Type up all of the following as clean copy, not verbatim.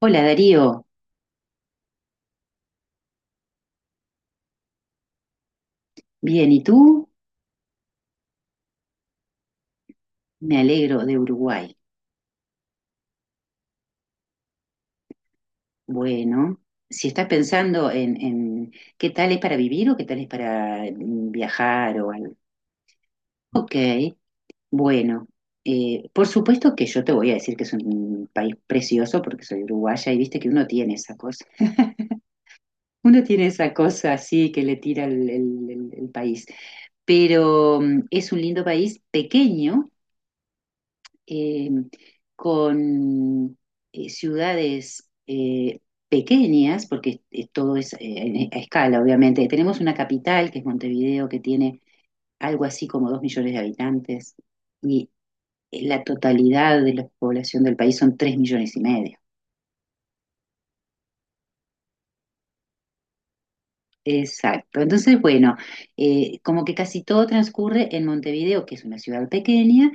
Hola Darío, bien, ¿y tú? Me alegro de Uruguay. Bueno, si estás pensando en qué tal es para vivir o qué tal es para viajar o algo. Ok, bueno, por supuesto que yo te voy a decir que es un país precioso porque soy uruguaya y viste que uno tiene esa cosa. Uno tiene esa cosa así que le tira el país, pero es un lindo país pequeño eh, con ciudades pequeñas, porque todo es a escala, obviamente. Tenemos una capital, que es Montevideo, que tiene algo así como 2 millones de habitantes, y la totalidad de la población del país son 3,5 millones. Exacto. Entonces, bueno, como que casi todo transcurre en Montevideo, que es una ciudad pequeña,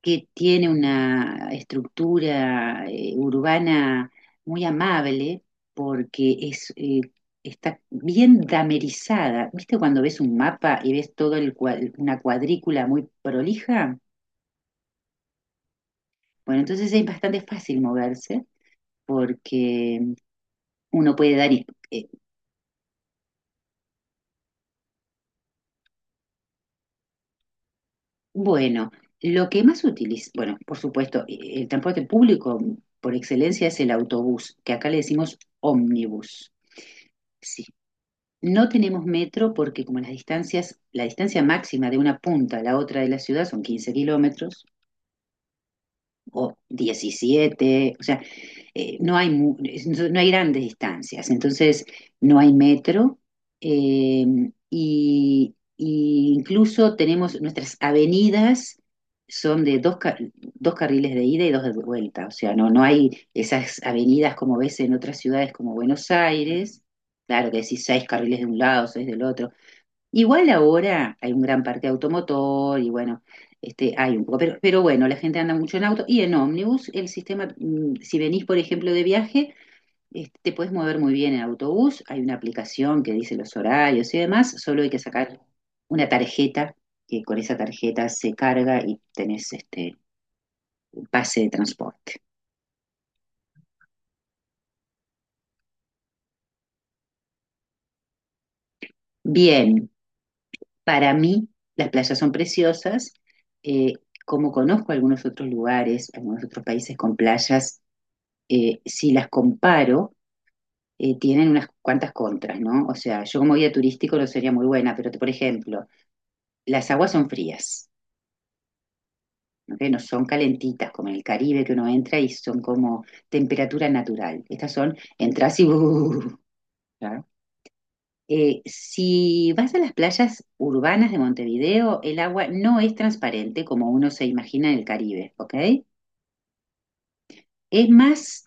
que tiene una estructura urbana muy amable porque es, está bien damerizada. ¿Viste cuando ves un mapa y ves todo el una cuadrícula muy prolija? Bueno, entonces es bastante fácil moverse porque uno puede eh, bueno, lo que más utiliza, bueno, por supuesto, el transporte público por excelencia es el autobús, que acá le decimos ómnibus. Sí. No tenemos metro porque como las distancias, la distancia máxima de una punta a la otra de la ciudad son 15 kilómetros o 17, o sea, no hay, no hay grandes distancias, entonces no hay metro. eh, y incluso tenemos nuestras avenidas son de dos carriles de ida y dos de vuelta, o sea, no, no hay esas avenidas como ves en otras ciudades como Buenos Aires. Claro que decís seis carriles de un lado, seis del otro. Igual ahora hay un gran parque automotor y bueno, este, hay un poco, pero bueno, la gente anda mucho en auto y en ómnibus. El sistema, si venís por ejemplo de viaje, este, te puedes mover muy bien en autobús, hay una aplicación que dice los horarios y demás, solo hay que sacar una tarjeta, que con esa tarjeta se carga y tenés este un pase de transporte. Bien, para mí las playas son preciosas, eh, como conozco algunos otros lugares, algunos otros países con playas, si las comparo, tienen unas cuantas contras, ¿no? O sea, yo como guía turístico no sería muy buena, pero por ejemplo, las aguas son frías, ¿ok? No son calentitas, como en el Caribe que uno entra y son como temperatura natural. Estas son, entras y ¡uh! Claro. Si vas a las playas urbanas de Montevideo, el agua no es transparente como uno se imagina en el Caribe, ¿ok? Es más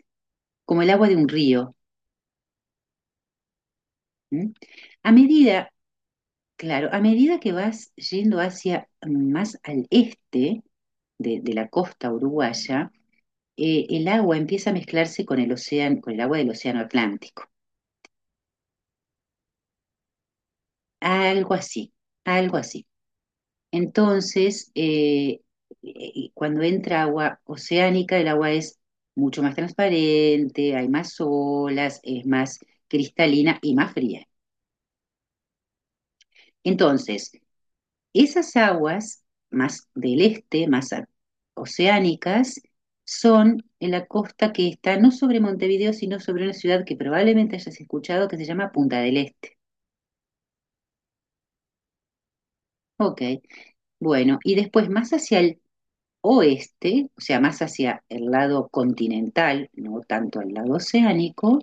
como el agua de un río. ¿M? A medida Claro, a medida que vas yendo hacia más al este de la costa uruguaya, el agua empieza a mezclarse con el océano, con el agua del océano Atlántico. Algo así, algo así. Entonces, cuando entra agua oceánica, el agua es mucho más transparente, hay más olas, es más cristalina y más fría. Entonces, esas aguas más del este, oceánicas, son en la costa que está no sobre Montevideo, sino sobre una ciudad que probablemente hayas escuchado que se llama Punta del Este. Ok, bueno, y después más hacia el oeste, o sea, más hacia el lado continental, no tanto al lado oceánico,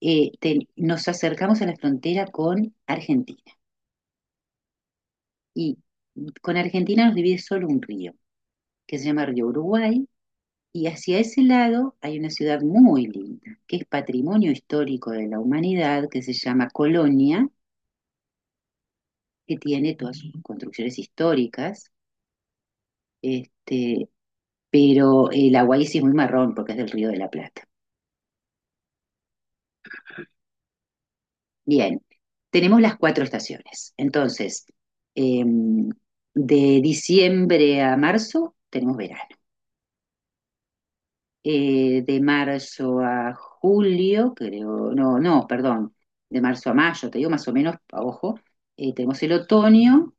nos acercamos a la frontera con Argentina. Y con Argentina nos divide solo un río, que se llama Río Uruguay. Y hacia ese lado hay una ciudad muy linda, que es patrimonio histórico de la humanidad, que se llama Colonia, que tiene todas sus construcciones históricas, este, pero el Aguaí sí es muy marrón porque es del Río de la Plata. Bien, tenemos las cuatro estaciones. Entonces, eh, de diciembre a marzo tenemos verano. De marzo a julio, creo, no, no, perdón, de marzo a mayo, te digo más o menos, a ojo, tenemos el otoño,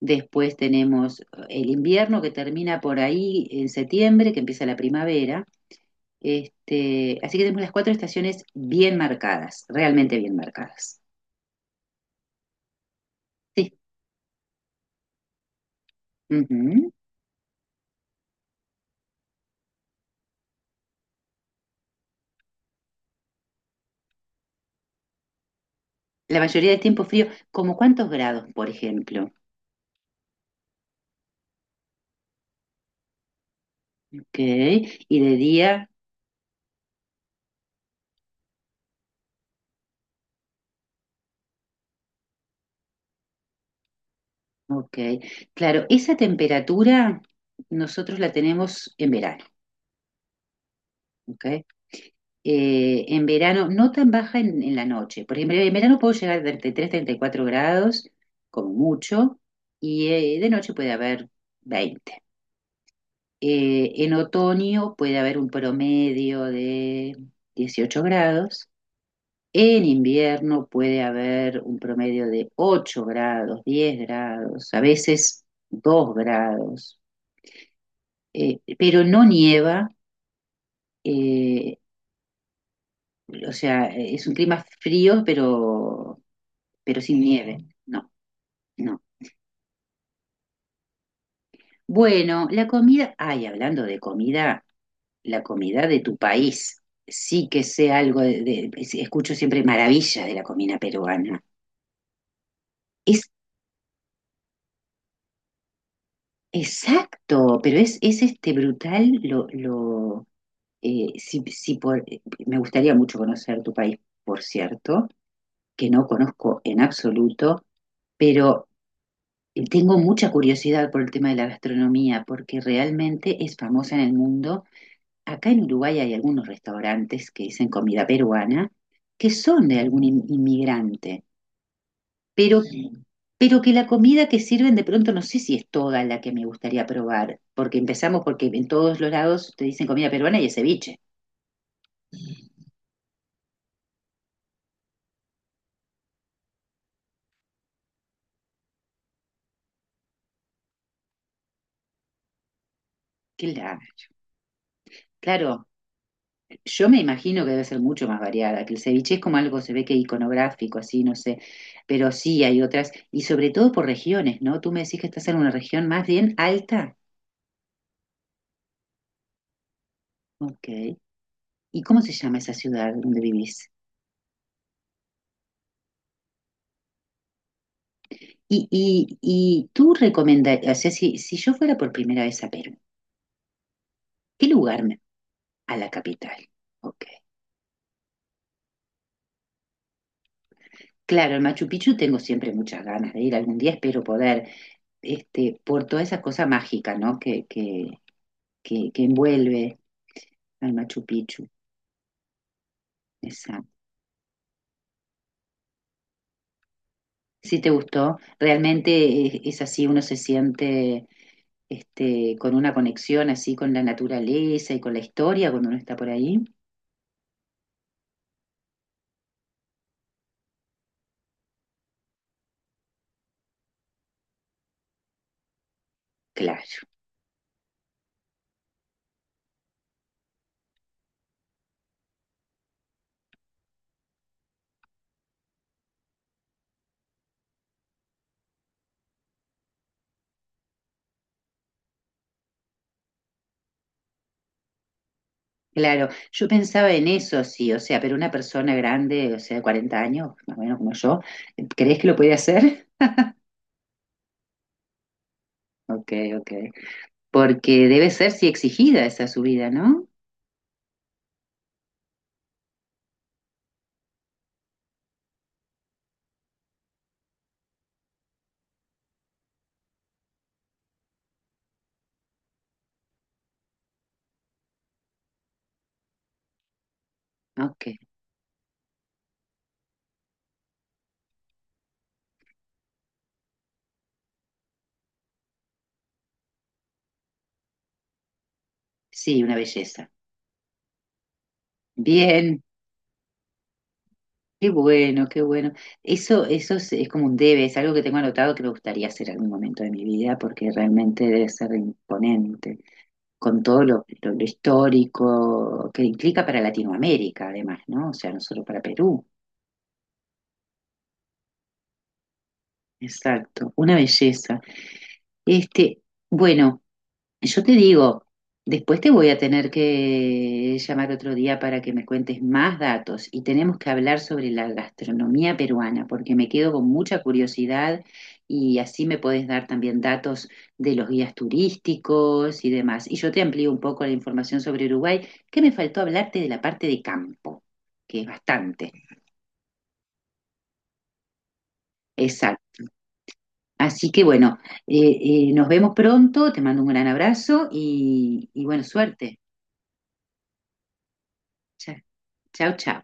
después tenemos el invierno que termina por ahí en septiembre, que empieza la primavera, este, así que tenemos las cuatro estaciones bien marcadas, realmente bien marcadas. Sí. Ujú. La mayoría del tiempo frío, como cuántos grados, por ejemplo, ¿ok? ¿Y de día? Ok, claro, esa temperatura nosotros la tenemos en verano, ¿ok? En verano, no tan baja en la noche. Por ejemplo, en verano puedo llegar a 33, 34 grados, como mucho, y de noche puede haber 20. En otoño puede haber un promedio de 18 grados. En invierno puede haber un promedio de 8 grados, 10 grados, a veces 2 grados. Pero no nieva, eh, o sea, es un clima frío, pero sin nieve. No, no. Bueno, la comida, ay, hablando de comida, la comida de tu país, sí que sé algo, de, escucho siempre maravillas de la comida peruana. Es exacto, pero es este brutal lo si, si por, me gustaría mucho conocer tu país, por cierto, que no conozco en absoluto. Pero Tengo mucha curiosidad por el tema de la gastronomía, porque realmente es famosa en el mundo. Acá en Uruguay hay algunos restaurantes que dicen comida peruana, que son de algún inmigrante, Sí. Pero que la comida que sirven de pronto no sé si es toda la que me gustaría probar, porque empezamos porque en todos los lados te dicen comida peruana y es ceviche. Claro, claro. Yo me imagino que debe ser mucho más variada, que el ceviche es como algo, se ve que iconográfico, así, no sé, pero sí hay otras, y sobre todo por regiones, ¿no? Tú me decís que estás en una región más bien alta. Ok. ¿Y cómo se llama esa ciudad donde vivís? Y tú recomendarías, o sea, si yo fuera por primera vez a Perú, ¿qué lugar a la capital? Ok. Claro, el Machu Picchu tengo siempre muchas ganas de ir, algún día espero poder, este, por toda esa cosa mágica, ¿no? Que envuelve. Al Machu Picchu. Exacto. Sí te gustó. Realmente es así, uno se siente este, con una conexión así con la naturaleza y con la historia cuando uno está por ahí. Claro, claro. Yo pensaba en eso, sí, o sea, pero una persona grande, o sea, de 40 años, más o menos como yo, ¿crees que lo puede hacer? Ok, ok. Porque debe ser, sí, exigida esa subida, ¿no? Ok. Sí, una belleza. Bien. Qué bueno, qué bueno. Eso es como un debe, es algo que tengo anotado que me gustaría hacer en algún momento de mi vida porque realmente debe ser imponente, con todo lo, lo histórico que implica para Latinoamérica, además, ¿no? O sea, no solo para Perú. Exacto, una belleza. Este, bueno. Yo te digo, después te voy a tener que llamar otro día para que me cuentes más datos y tenemos que hablar sobre la gastronomía peruana porque me quedo con mucha curiosidad y así me podés dar también datos de los guías turísticos y demás. Y yo te amplío un poco la información sobre Uruguay, que me faltó hablarte de la parte de campo, que es bastante. Exacto. Así que bueno, nos vemos pronto, te mando un gran abrazo y bueno, suerte. Chao, chao.